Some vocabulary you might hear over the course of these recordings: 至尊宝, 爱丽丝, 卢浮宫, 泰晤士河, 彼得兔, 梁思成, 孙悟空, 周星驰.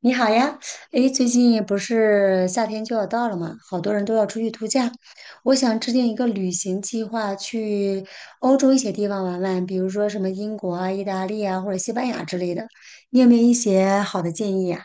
你好呀，诶，最近不是夏天就要到了嘛，好多人都要出去度假。我想制定一个旅行计划，去欧洲一些地方玩玩，比如说什么英国啊、意大利啊或者西班牙之类的。你有没有一些好的建议呀？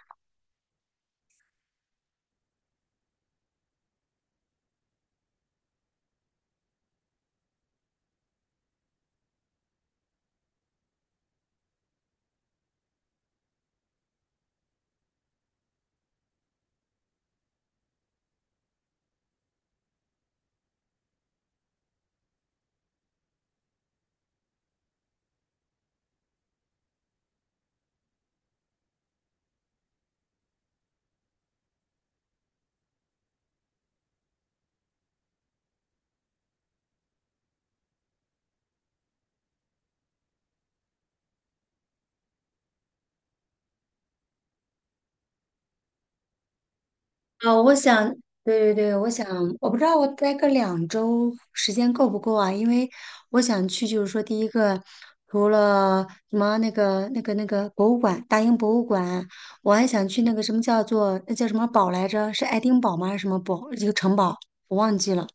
我想，对对对，我想，我不知道我待个2周时间够不够啊？因为我想去，就是说，第一个，除了什么那个博物馆，大英博物馆，我还想去那个什么叫做那叫什么堡来着？是爱丁堡吗？还是什么堡？一个城堡，我忘记了。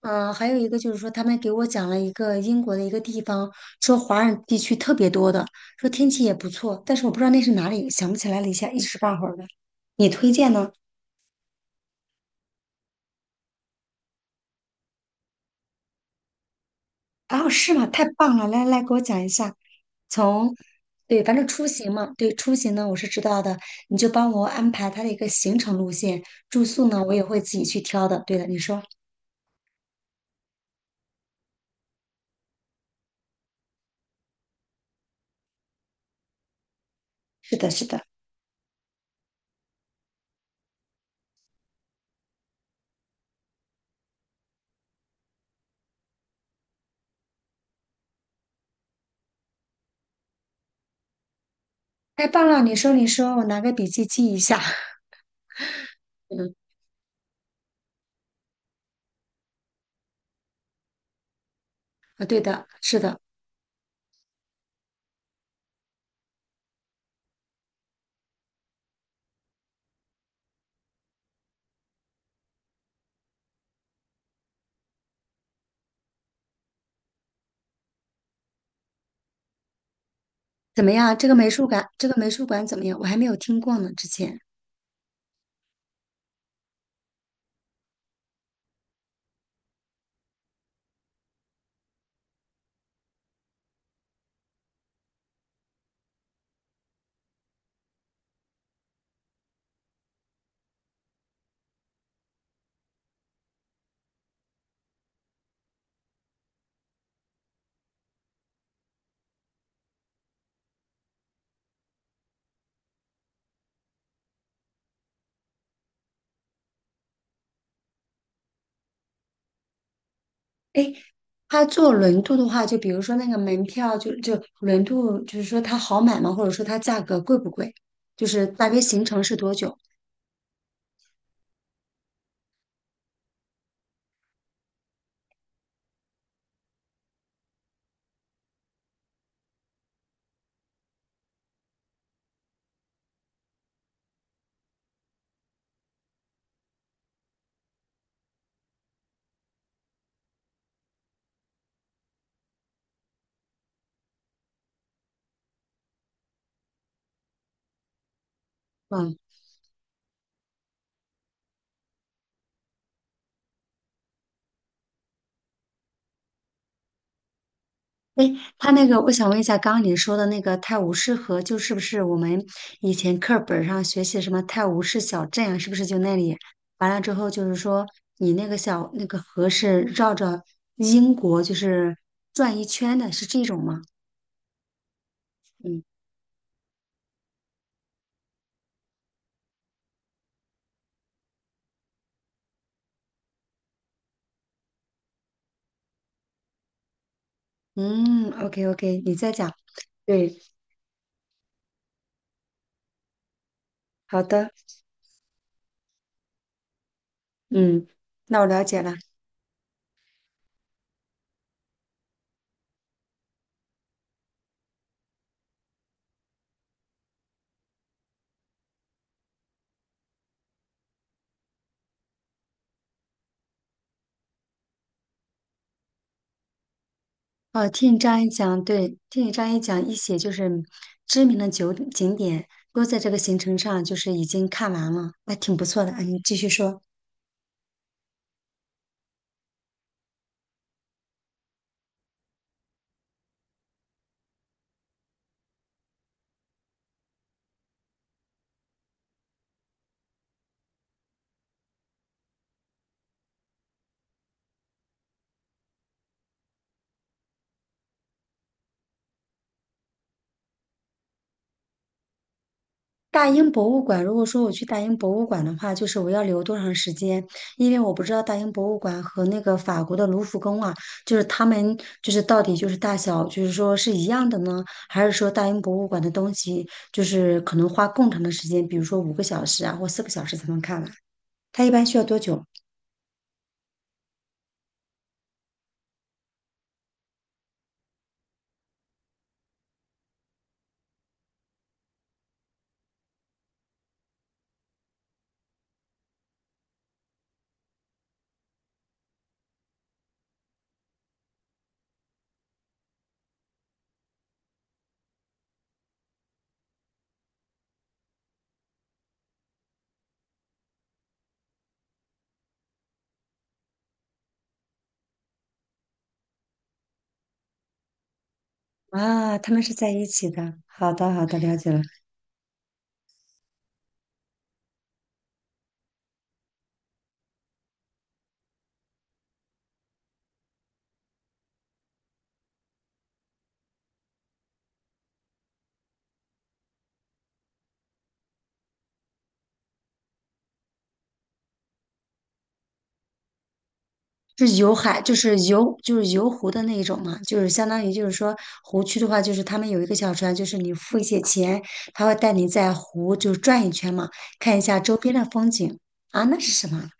嗯、还有一个就是说，他们给我讲了一个英国的一个地方，说华人地区特别多的，说天气也不错，但是我不知道那是哪里，想不起来了一下，一时半会儿的。你推荐呢？哦，是吗？太棒了！来来，给我讲一下。从，对，反正出行嘛，对，出行呢我是知道的，你就帮我安排它的一个行程路线，住宿呢我也会自己去挑的。对的，你说是的，是的，太棒了！你说，你说，我拿个笔记记一下。嗯，啊，对的，是的，怎么样？这个美术馆怎么样？我还没有听过呢，之前。诶，他坐轮渡的话，就比如说那个门票就，就轮渡，就是说它好买吗？或者说它价格贵不贵？就是大约行程是多久？嗯，诶，他那个，我想问一下，刚刚你说的那个泰晤士河，就是不是我们以前课本上学习什么泰晤士小镇啊？是不是就那里？完了之后，就是说你那个小那个河是绕着英国就是转一圈的，是这种吗？嗯嗯，OK OK，你再讲。对，好的。嗯，那我了解了。哦，听你这样一讲，对，听你这样一讲，一些就是知名的酒景点都在这个行程上，就是已经看完了，那挺不错的。啊，你继续说。大英博物馆，如果说我去大英博物馆的话，就是我要留多长时间？因为我不知道大英博物馆和那个法国的卢浮宫啊，就是他们就是到底就是大小，就是说是一样的呢，还是说大英博物馆的东西就是可能花更长的时间，比如说5个小时啊或4个小时才能看完？它一般需要多久？啊，他们是在一起的。好的，好的，了解了。是游海，就是游湖的那一种嘛，就是相当于就是说湖区的话，就是他们有一个小船，就是你付一些钱，他会带你在湖就转一圈嘛，看一下周边的风景。啊，那是什么？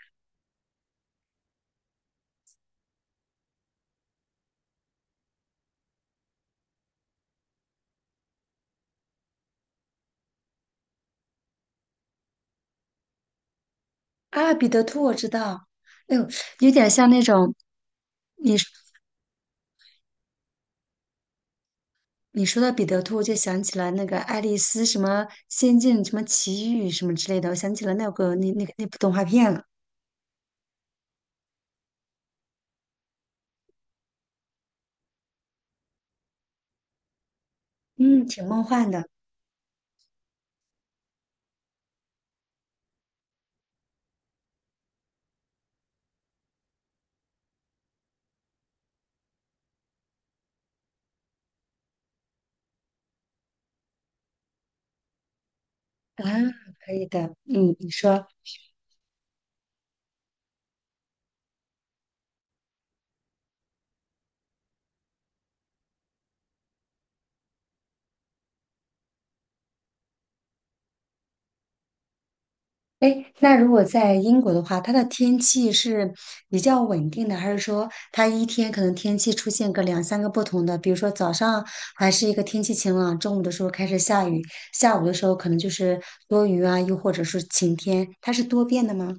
啊，彼得兔我知道。哎呦，有点像那种你你说到彼得兔，我就想起了那个爱丽丝什么仙境什么奇遇什么之类的，我想起了那个那部动画片了。嗯，挺梦幻的。啊，可以的，嗯，你说，哎，那如果在英国的话，它的天气是比较稳定的，还是说它一天可能天气出现个两三个不同的？比如说早上还是一个天气晴朗，中午的时候开始下雨，下午的时候可能就是多云啊，又或者是晴天，它是多变的吗？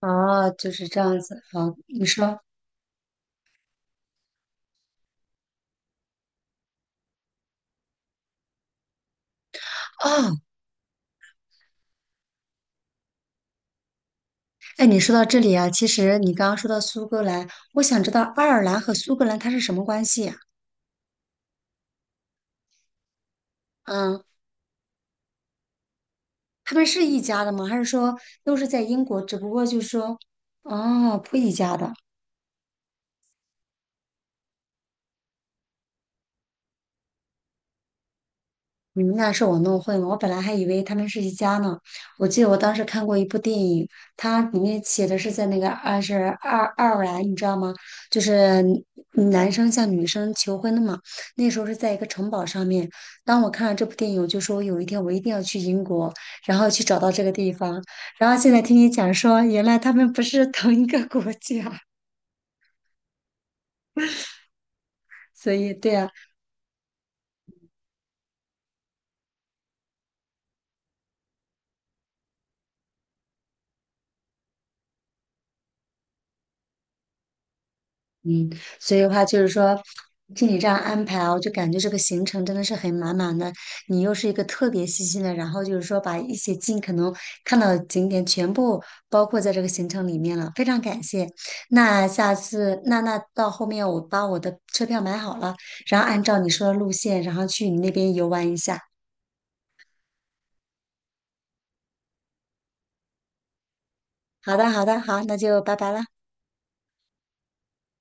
哦，就是这样子。好，你说哦，哎，你说到这里啊，其实你刚刚说到苏格兰，我想知道爱尔兰和苏格兰它是什么关系呀？嗯。他们是一家的吗？还是说都是在英国？只不过就是说，哦，不一家的。你们那是我弄混了。我本来还以为他们是一家呢。我记得我当时看过一部电影，它里面写的是在那个二是爱尔兰，你知道吗？就是男生向女生求婚的嘛。那时候是在一个城堡上面。当我看了这部电影，我就说有一天我一定要去英国，然后去找到这个地方。然后现在听你讲说，原来他们不是同一个国家，所以对啊。嗯，所以的话就是说，听你这样安排啊，我就感觉这个行程真的是很满满的。你又是一个特别细心的，然后就是说把一些尽可能看到的景点全部包括在这个行程里面了，非常感谢。那下次，那那到后面我把我的车票买好了，然后按照你说的路线，然后去你那边游玩一下。好的，好的，好，那就拜拜了。